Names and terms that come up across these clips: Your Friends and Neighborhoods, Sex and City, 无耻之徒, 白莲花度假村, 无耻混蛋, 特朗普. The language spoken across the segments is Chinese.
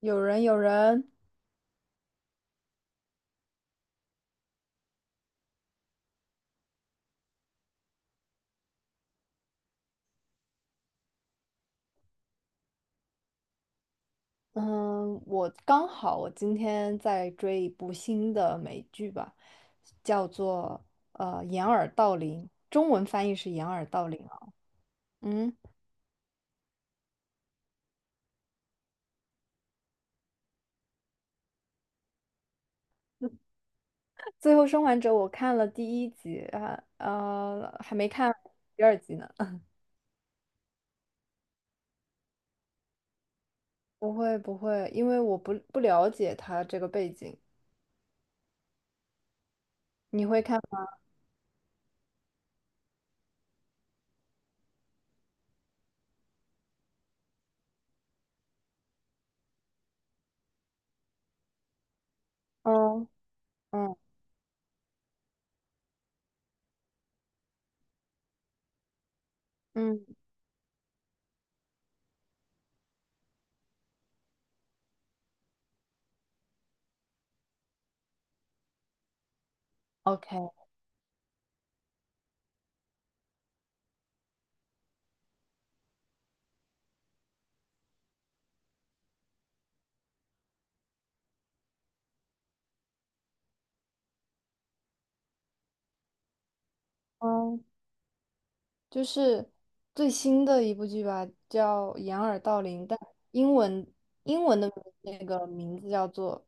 有人，有人，嗯，我刚好我今天在追一部新的美剧吧，叫做《掩耳盗铃》，中文翻译是《掩耳盗铃》啊。嗯，《最后生还者》我看了第一集啊，还没看第二集呢。不会，不会，因为我不了解他这个背景。你会看吗？嗯嗯嗯，OK，嗯就是最新的一部剧吧，叫《掩耳盗铃》，但英文英文的那个名字叫做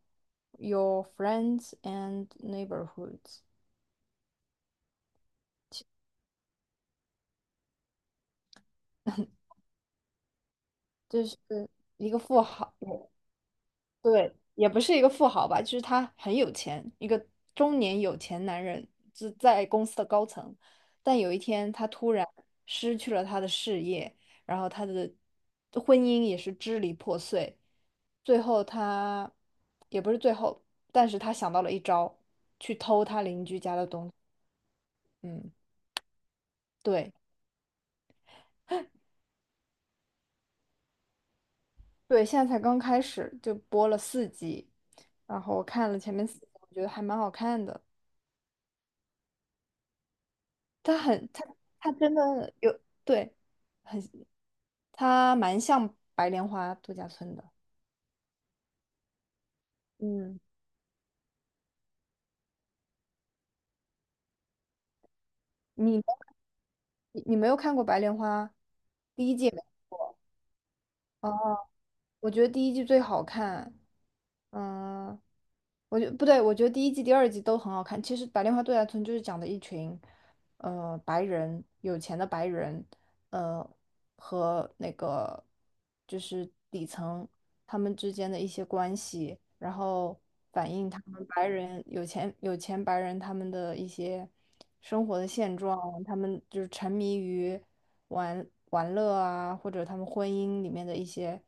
《Your Friends and Neighborhoods》，就是一个富豪。对，也不是一个富豪吧，就是他很有钱，一个中年有钱男人，就在公司的高层。但有一天，他突然失去了他的事业，然后他的婚姻也是支离破碎。最后他，也不是最后，但是他想到了一招，去偷他邻居家的东西。嗯，对对，现在才刚开始，就播了四集，然后我看了前面四集，我觉得还蛮好看的。他很他真的有对，很他蛮像白莲花度假村的。嗯，你你没有看过白莲花第一季没？啊，我觉得第一季最好看。嗯，我觉不对，我觉得第一季、第二季都很好看。其实《白莲花度假村》就是讲的一群，呃，白人有钱的白人，呃，和那个就是底层他们之间的一些关系，然后反映他们白人有钱有钱白人他们的一些生活的现状，他们就是沉迷于玩玩乐啊，或者他们婚姻里面的一些。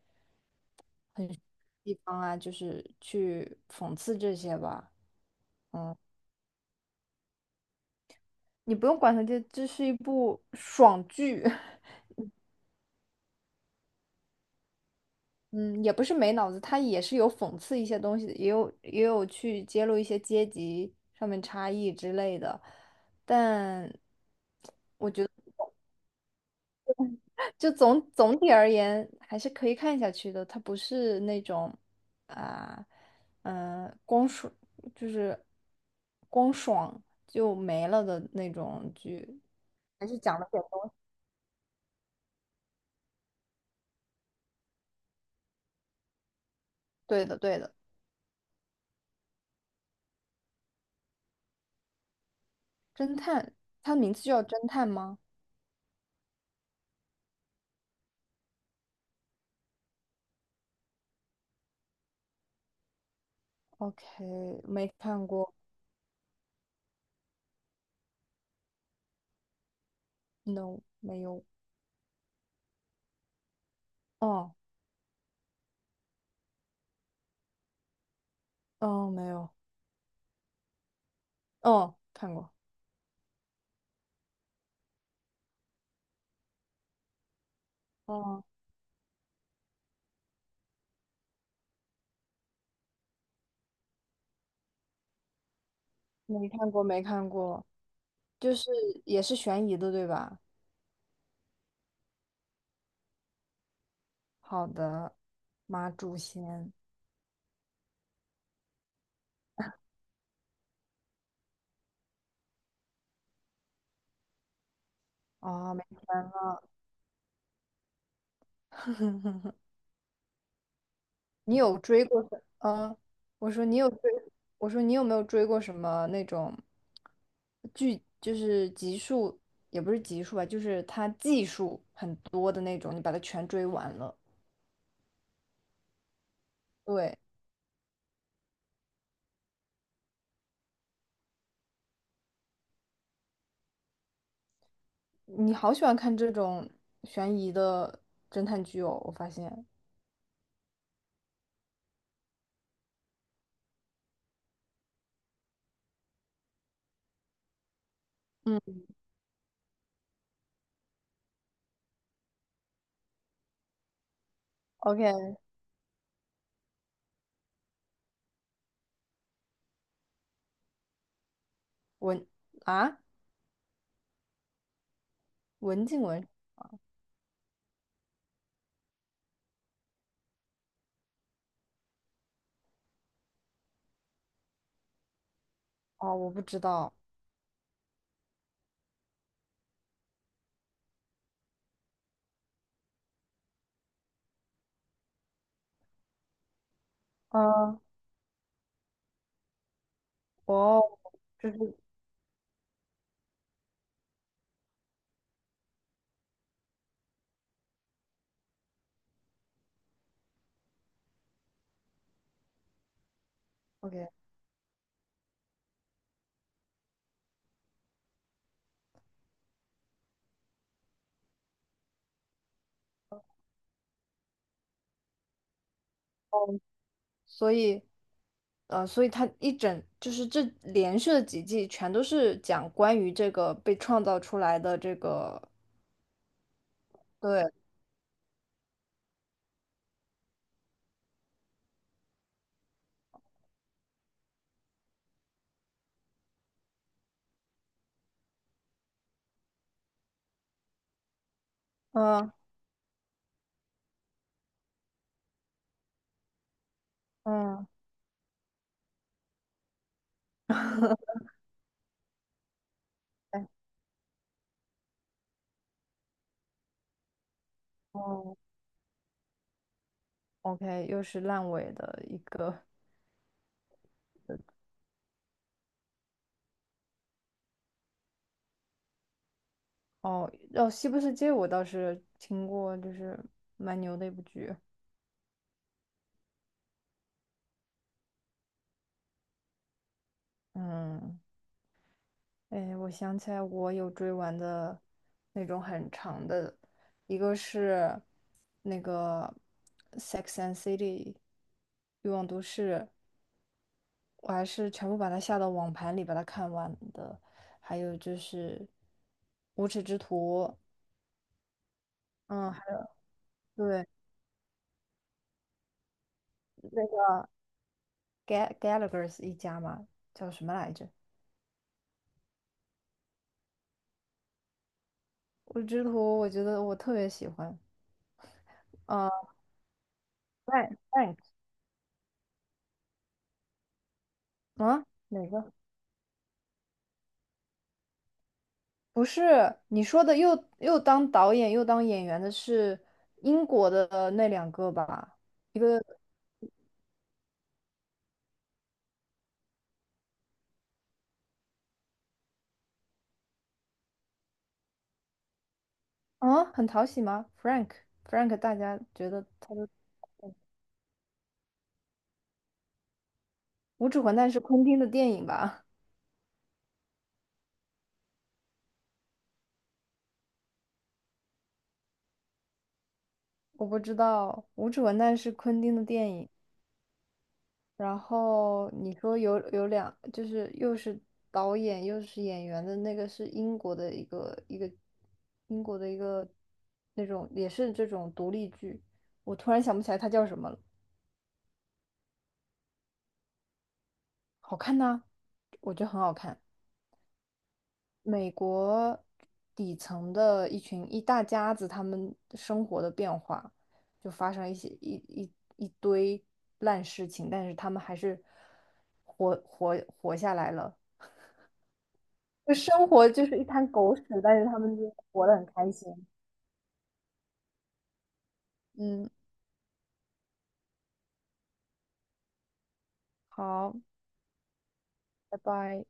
地方啊，就是去讽刺这些吧。你不用管它，这是一部爽剧。嗯，也不是没脑子，它也是有讽刺一些东西的，也有去揭露一些阶级上面差异之类的，但就总体而言还是可以看下去的。它不是那种啊，光爽就是光爽就没了的那种剧，还是讲了点东西。对的，对的。侦探，它名字就叫侦探吗？OK，没看过，No，没有。哦，哦，没有，哦，看过，哦，没看过，没看过，就是也是悬疑的，对吧？好的，马祖贤，哦，没看了。你有追过什？嗯我说你有追，我说你有没有追过什么那种剧，就是集数，也不是集数吧，就是它季数很多的那种，你把它全追完了。对，你好喜欢看这种悬疑的侦探剧哦，我发现。嗯，OK，文啊，文静文哦，我不知道。嗯，哦，就是 OK，所以所以它一整就是这连续的几季全都是讲关于这个被创造出来的这个，对，嗯嗯，哎，哦，OK，又是烂尾的一个。哦，哦，《西部世界》我倒是听过，就是蛮牛的一部剧。嗯，哎，我想起来，我有追完的那种很长的，一个是那个《Sex and City》欲望都市，我还是全部把它下到网盘里把它看完的。还有就是《无耻之徒》，嗯，还有对那个 Ga Gallagher 一家嘛，叫什么来着？《无耻之徒》，我觉得我特别喜欢。呃，Rank Rank 啊，哪个？不是你说的又当导演又当演员的是英国的那两个吧？一个啊，很讨喜吗？Frank，大家觉得他的《无耻混蛋》是昆汀的电影吧？我不知道，《无耻混蛋》是昆汀的电影。然后你说有两，就是又是导演又是演员的那个是英国的一个英国的一个那种也是这种独立剧，我突然想不起来它叫什么了，好看呐，我觉得很好看。美国底层的一群一大家子，他们生活的变化就发生一些一堆烂事情，但是他们还是活下来了。就生活就是一滩狗屎，但是他们就活得很开心。嗯，好，拜拜。